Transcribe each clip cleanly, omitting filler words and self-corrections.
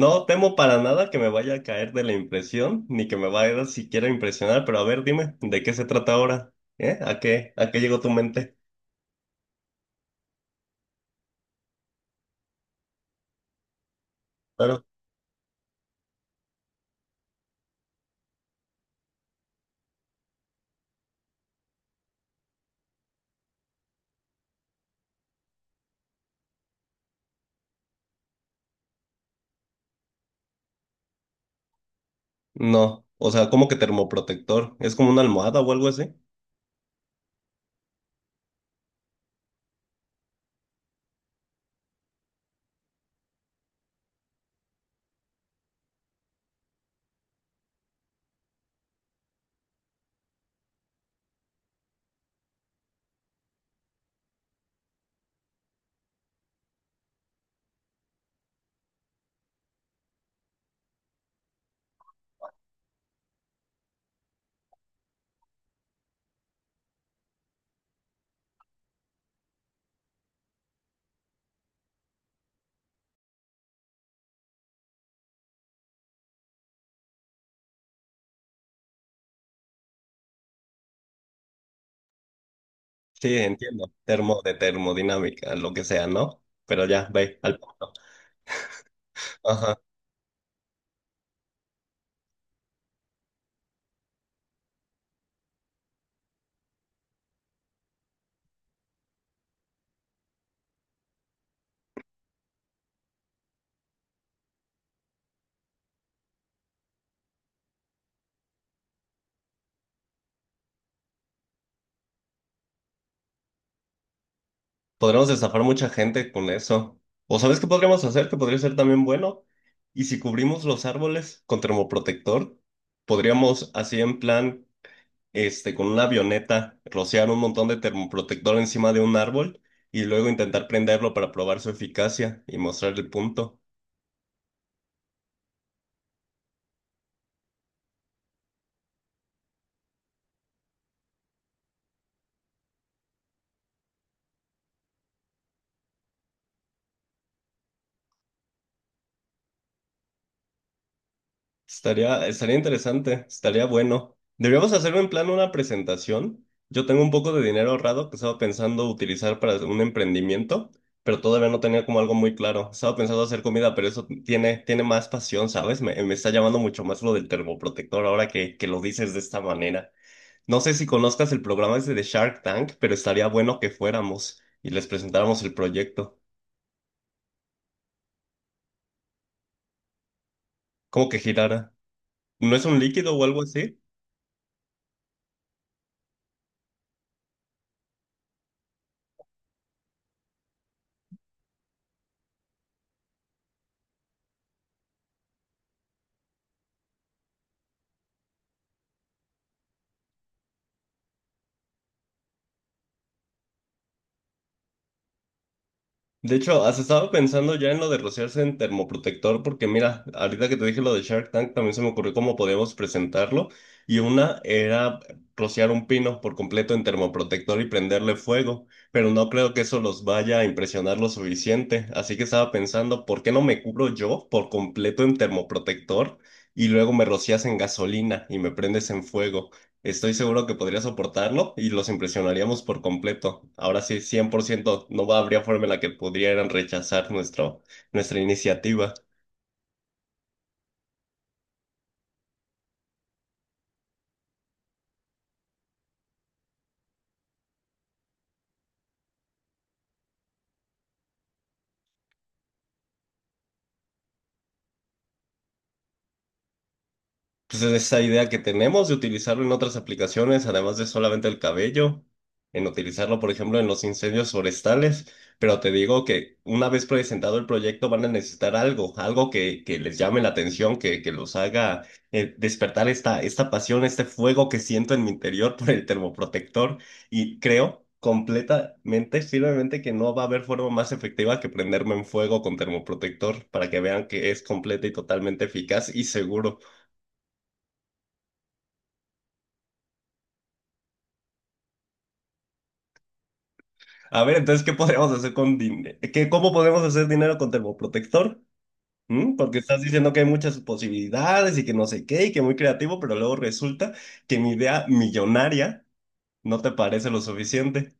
No temo para nada que me vaya a caer de la impresión, ni que me vaya a siquiera a impresionar, pero a ver, dime, ¿de qué se trata ahora? ¿Eh? ¿A qué llegó tu mente? Claro. No, o sea, ¿cómo que termoprotector? ¿Es como una almohada o algo así? Sí, entiendo. Termo de termodinámica, lo que sea, ¿no? Pero ya, ve, al punto. Ajá. Podremos estafar mucha gente con eso. ¿O sabes qué podríamos hacer? Que podría ser también bueno. Y si cubrimos los árboles con termoprotector, podríamos así en plan este, con una avioneta, rociar un montón de termoprotector encima de un árbol y luego intentar prenderlo para probar su eficacia y mostrar el punto. Estaría interesante, estaría bueno. Deberíamos hacer en plan una presentación. Yo tengo un poco de dinero ahorrado que estaba pensando utilizar para un emprendimiento, pero todavía no tenía como algo muy claro. Estaba pensando hacer comida, pero eso tiene, tiene más pasión, ¿sabes? Me está llamando mucho más lo del termoprotector ahora que lo dices de esta manera. No sé si conozcas el programa ese de Shark Tank, pero estaría bueno que fuéramos y les presentáramos el proyecto. ¿Cómo que girara? ¿No es un líquido o algo así? De hecho, has estado pensando ya en lo de rociarse en termoprotector, porque mira, ahorita que te dije lo de Shark Tank, también se me ocurrió cómo podíamos presentarlo. Y una era rociar un pino por completo en termoprotector y prenderle fuego, pero no creo que eso los vaya a impresionar lo suficiente. Así que estaba pensando, ¿por qué no me cubro yo por completo en termoprotector y luego me rocias en gasolina y me prendes en fuego? Estoy seguro que podría soportarlo y los impresionaríamos por completo. Ahora sí, 100%, no habría forma en la que pudieran rechazar nuestro, nuestra iniciativa. Pues esa idea que tenemos de utilizarlo en otras aplicaciones, además de solamente el cabello, en utilizarlo, por ejemplo, en los incendios forestales. Pero te digo que una vez presentado el proyecto van a necesitar algo, algo que les llame la atención, que los haga despertar esta pasión, este fuego que siento en mi interior por el termoprotector. Y creo completamente, firmemente que no va a haber forma más efectiva que prenderme en fuego con termoprotector para que vean que es completa y totalmente eficaz y seguro. A ver, entonces, ¿qué podemos hacer con dinero? ¿Cómo podemos hacer dinero con termoprotector? ¿Mm? Porque estás diciendo que hay muchas posibilidades y que no sé qué y que muy creativo, pero luego resulta que mi idea millonaria no te parece lo suficiente.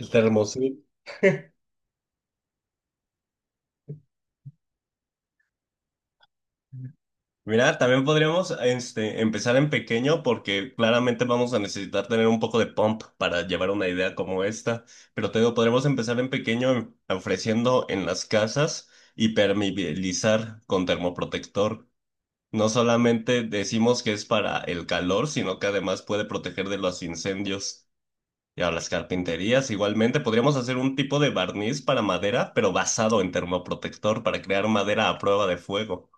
El termosud. Mira, también podríamos este, empezar en pequeño porque claramente vamos a necesitar tener un poco de pump para llevar una idea como esta. Pero te digo, podríamos empezar en pequeño, ofreciendo en las casas impermeabilizar con termoprotector. No solamente decimos que es para el calor, sino que además puede proteger de los incendios y a las carpinterías. Igualmente, podríamos hacer un tipo de barniz para madera, pero basado en termoprotector para crear madera a prueba de fuego.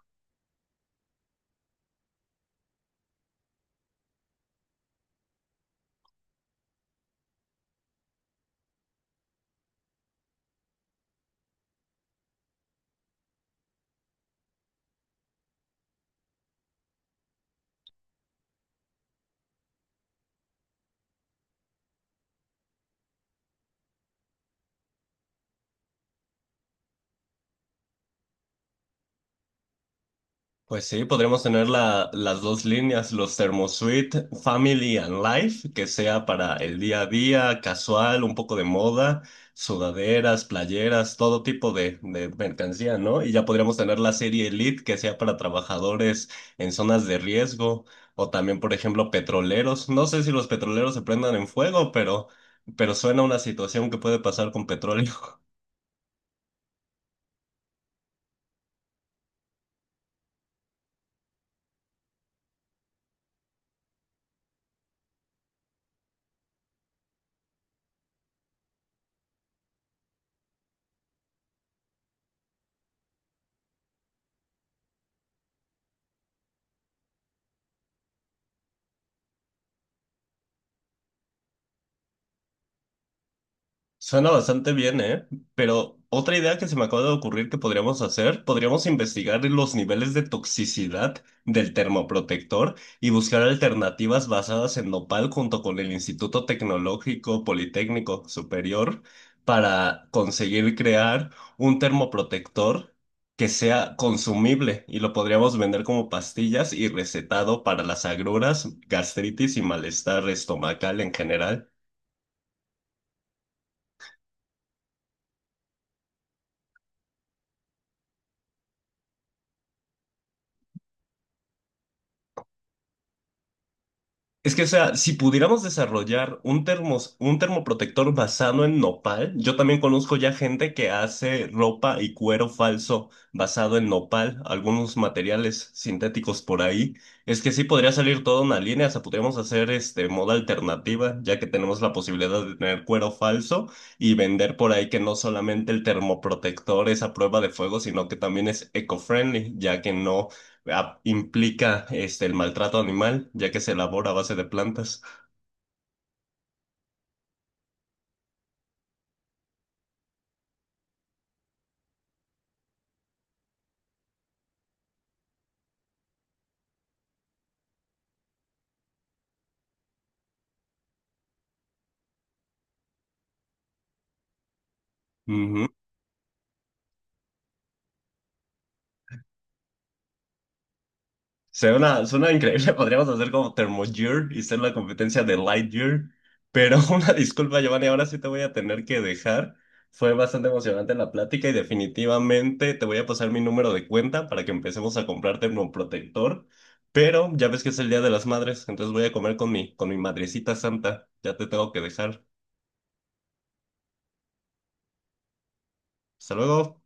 Pues sí, podremos tener las dos líneas, los ThermoSuite Family and Life, que sea para el día a día, casual, un poco de moda, sudaderas, playeras, todo tipo de mercancía, ¿no? Y ya podríamos tener la serie Elite, que sea para trabajadores en zonas de riesgo, o también, por ejemplo, petroleros. No sé si los petroleros se prendan en fuego, pero suena una situación que puede pasar con petróleo. Suena bastante bien, ¿eh? Pero otra idea que se me acaba de ocurrir que podríamos hacer, podríamos investigar los niveles de toxicidad del termoprotector y buscar alternativas basadas en nopal junto con el Instituto Tecnológico Politécnico Superior para conseguir crear un termoprotector que sea consumible y lo podríamos vender como pastillas y recetado para las agruras, gastritis y malestar estomacal en general. Es que, o sea, si pudiéramos desarrollar un termos, un termoprotector basado en nopal, yo también conozco ya gente que hace ropa y cuero falso basado en nopal, algunos materiales sintéticos por ahí. Es que sí podría salir toda una línea, o sea, podríamos hacer este moda alternativa, ya que tenemos la posibilidad de tener cuero falso y vender por ahí que no solamente el termoprotector es a prueba de fuego, sino que también es eco-friendly, ya que no implica este, el maltrato animal, ya que se elabora a base de plantas. Ujú. Suena increíble, podríamos hacer como Thermogear y ser la competencia de Lightyear. Pero una disculpa, Giovanni, ahora sí te voy a tener que dejar. Fue bastante emocionante la plática y definitivamente te voy a pasar mi número de cuenta para que empecemos a comprar termoprotector. Pero ya ves que es el Día de las Madres, entonces voy a comer con mi madrecita santa. Ya te tengo que dejar. Hasta luego.